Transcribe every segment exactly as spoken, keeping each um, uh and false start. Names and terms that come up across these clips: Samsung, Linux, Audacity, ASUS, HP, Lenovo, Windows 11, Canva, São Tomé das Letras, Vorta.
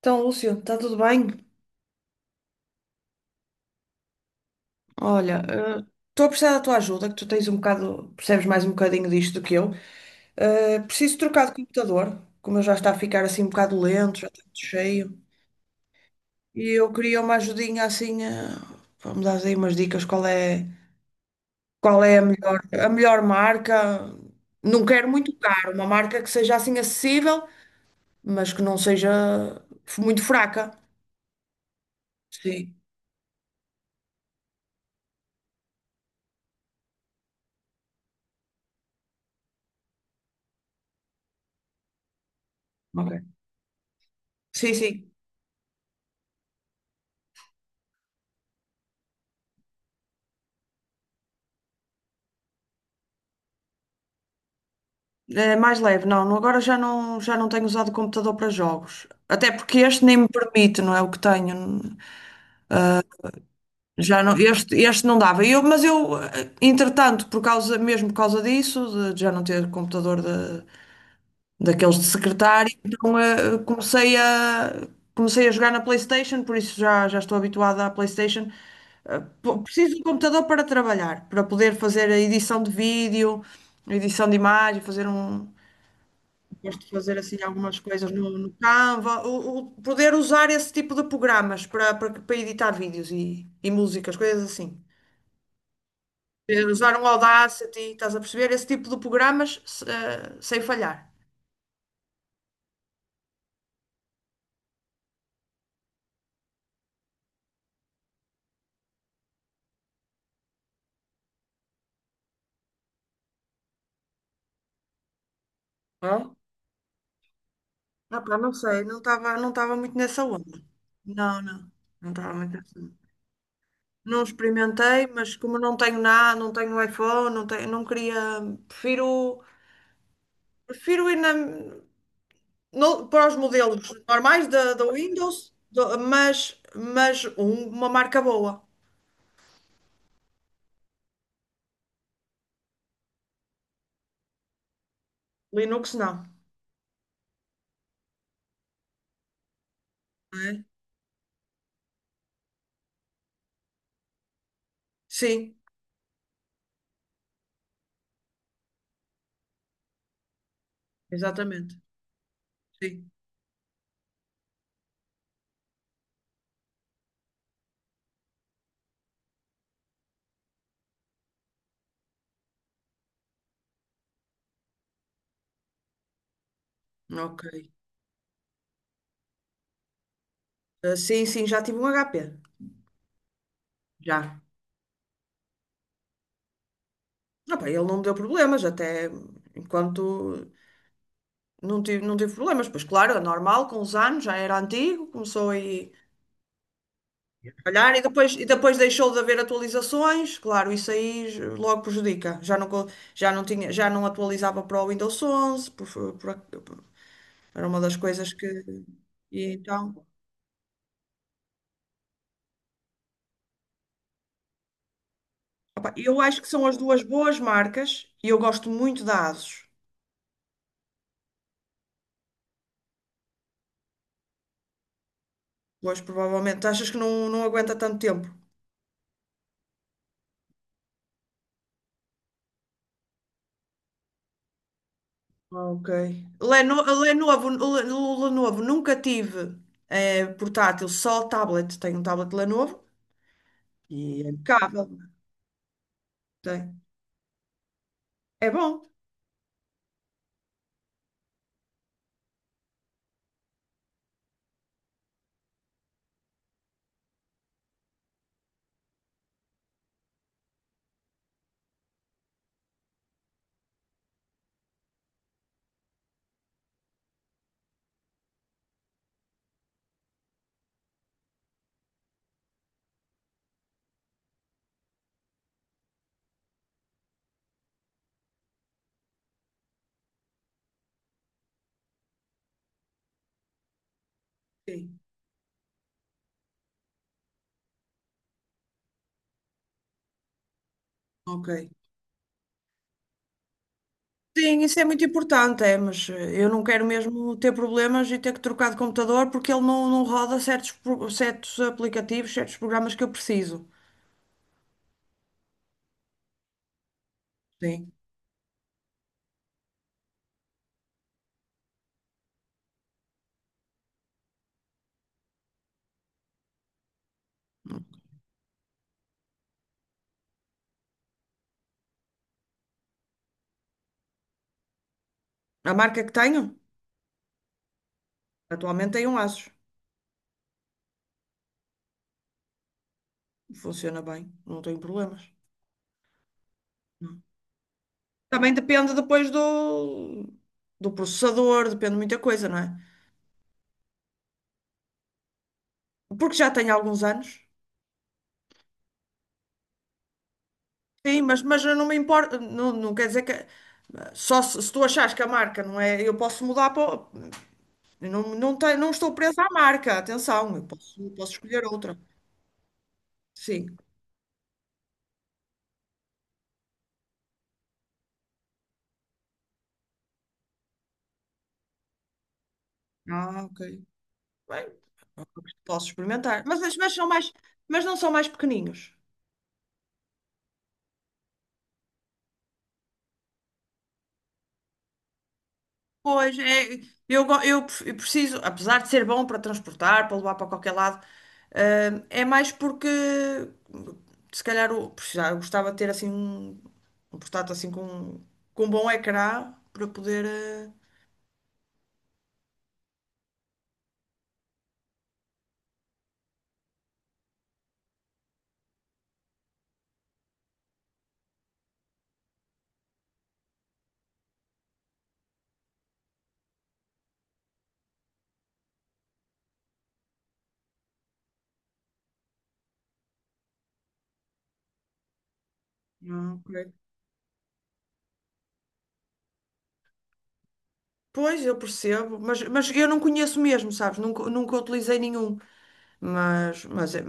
Então, Lúcio, está tudo bem? Olha, eh, estou a precisar da tua ajuda, que tu tens um bocado, percebes mais um bocadinho disto do que eu. Eh, preciso trocar de computador, como eu já está a ficar assim um bocado lento, já está muito cheio. E eu queria uma ajudinha assim, eh, vamos dar aí umas dicas, qual é, qual é a melhor, a melhor marca? Não quero muito caro, uma marca que seja assim acessível, mas que não seja f- muito fraca. Sim, ok. Sim, sim. É mais leve, não. não- Agora já não, já não tenho usado o computador para jogos. Até porque este nem me permite, não é o que tenho. Já não, este, este não dava. Eu, mas eu, eh, entretanto, por causa, mesmo por causa disso, de já não ter computador de, daqueles de secretário, então, eh, comecei a, comecei a jogar na PlayStation, por isso já, já estou habituada à PlayStation. Eh, po- Preciso de um computador para trabalhar, para poder fazer a edição de vídeo, a edição de imagem, fazer um. Gosto de fazer assim algumas coisas no, no Canva, o, o- poder usar esse tipo de programas para, para, para editar vídeos e, e músicas, coisas assim. Eh, usar um Audacity, estás a perceber? Esse tipo de programas se- eh, sem falhar. É? Ah, pá, não sei, não estava não estava muito nessa onda. Não, não, não estava muito nessa onda. Não experimentei, mas como não tenho nada, não tenho iPhone, não tenho, não queria, prefiro, prefiro ir na. No- para os modelos normais da da Windows, do- mas, mas um- uma marca boa. Linux não. Não é? Sim, exatamente. Sim, ok. Ah, sim, sim, já tive um H P. Já. Ah, pá, ele não me deu problemas, até enquanto não tive, não tive problemas. Pois claro, é normal, com os anos, já era antigo, começou aí calhar, e depois, e depois deixou de haver atualizações, claro, isso aí logo prejudica. Já não, co- já não tinha, já não atualizava para o Windows onze, por, por- por- era uma das coisas que. E então, opa, eu acho que são as duas boas marcas e eu gosto muito da ASUS. Pois, provavelmente, achas que não, não aguenta tanto tempo? Ok. Leno, Lenovo, Le- Lenovo, nunca tive eh, portátil, só tablet. Tenho um tablet Lenovo e é impecável. Tem. É bom. Sim. Ok. Sim, isso é muito importante, é, mas eh, eu não quero mesmo ter problemas e ter que trocar de computador porque ele não, não roda certos, pro- certos aplicativos, certos programas que eu preciso. Sim. A marca que tenho, atualmente tem um Asus. Funciona bem, não tenho problemas. Não. Também depende depois do, do processador, depende de muita coisa, não é? Porque já tenho alguns anos. Sim, mas, mas eu não me importa, não, não quer dizer que. eh, Só se, se tu achares que a marca não é, eu posso mudar para. Eu não, não, tenho- não estou presa à marca, atenção, eu posso, eu posso escolher outra. Sim. Ah, ok. Bem, posso experimentar. Mas, mas, mas são mais, mas não são mais pequeninos. Pois, é, eu, go- eu pre- eu preciso, apesar de ser bom para transportar, para levar para qualquer lado, eh, é mais porque se calhar eu, precisava, eu gostava de ter assim um, um portátil assim com, com um bom ecrã para poder. Eh, ah, ok. Pois, eu percebo, mas, mas eu não conheço mesmo, sabes? Nunca, nunca utilizei nenhum. Mas, mas eh,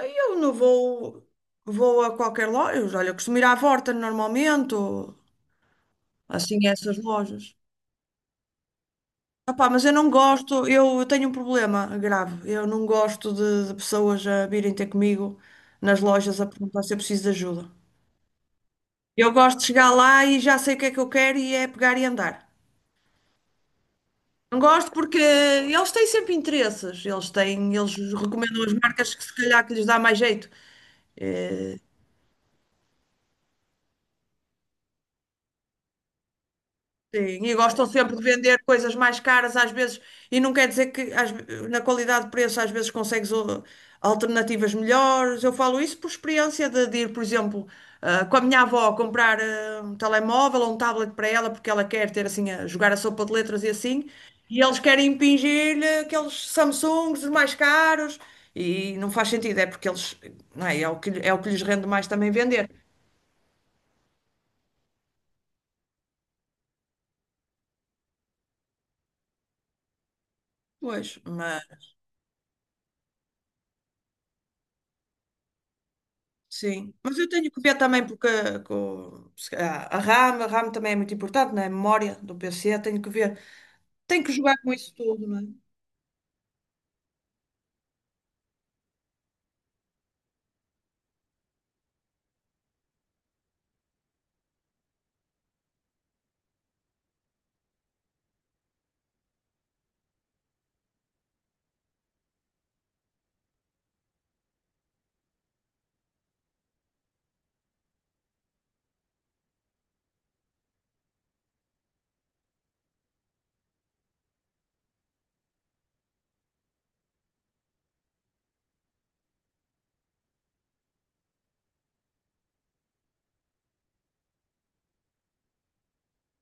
eu não vou, vou a qualquer loja. Olha, eu costumo ir à Vorta normalmente, ou assim, a essas lojas. Opá, mas eu não gosto, eu tenho um problema grave. Eu não gosto de, de pessoas a virem ter comigo nas lojas a perguntar se eu preciso de ajuda. Eu gosto de chegar lá e já sei o que é que eu quero e é pegar e andar. Não gosto porque eles têm sempre interesses, eles têm, eles recomendam as marcas que se calhar que lhes dá mais jeito. Eh, Sim, e gostam sempre de vender coisas mais caras às vezes, e não quer dizer que às ve- na qualidade de preço às vezes consegues o- alternativas melhores. Eu falo isso por experiência de, de ir, por exemplo, ah, com a minha avó comprar ah, um telemóvel ou um tablet para ela, porque ela quer ter assim, a jogar a sopa de letras e assim, e eles querem impingir-lhe aqueles Samsungs os mais caros, e não faz sentido, é porque eles, não é, é o que, lhe- é o que lhes rende mais também vender. Pois, mas sim, mas eu tenho que ver também porque com, se calhar, a RAM, a RAM também é muito importante, não é? A memória do P C, tenho que ver. Tenho que jogar com isso tudo, não é?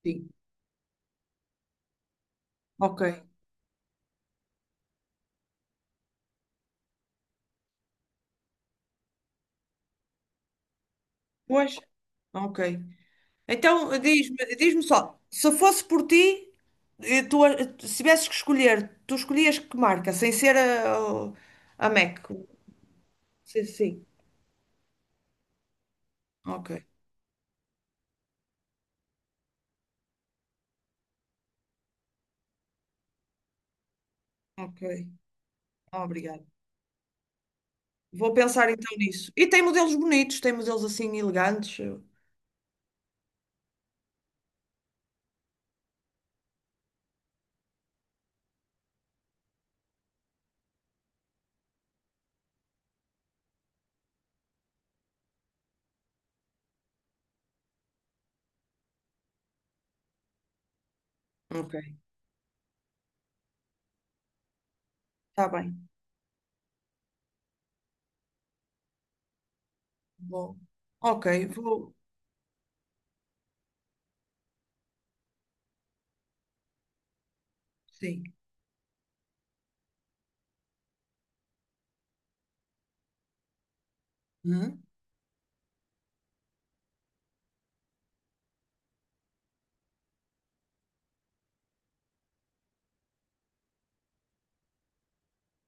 Sim. Ok. Pois, ok. Então diz-me, diz-me só, se fosse por ti, eh, tu, eh, se tivesses que escolher, tu escolhias que marca, sem ser a, a Mac. Sim, sim. Ok, ok. Obrigada. Vou pensar então nisso. E tem modelos bonitos, tem modelos assim elegantes. Ok, está bem. Bom, ok, vou. Sim. Hum,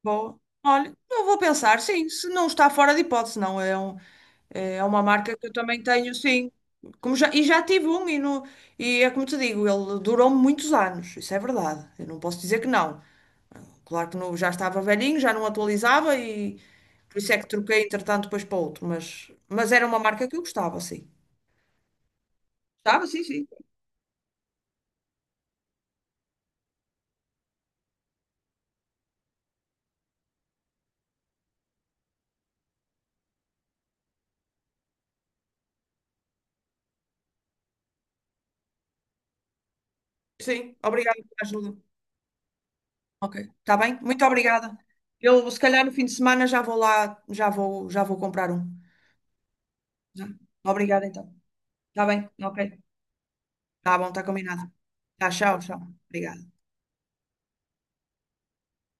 boa. Olha, eu vou pensar, sim, se não está fora de hipótese, não. É, um, é uma marca que eu também tenho, sim. Como já, e já tive um, e, no, e é como te digo, ele durou muitos anos, isso é verdade. Eu não posso dizer que não. Claro que não, já estava velhinho, já não atualizava, e por isso é que troquei, entretanto, depois para outro. Mas, mas era uma marca que eu gostava, sim. Gostava, sim, sim. Sim, obrigada pela ajuda. Ok, está bem? Muito obrigada. Eu, se calhar, no fim de semana já vou lá, já vou, já vou comprar um. Já. Obrigada, então. Está bem? Ok. Está bom, está combinado. Tá, tchau, tchau. Obrigada.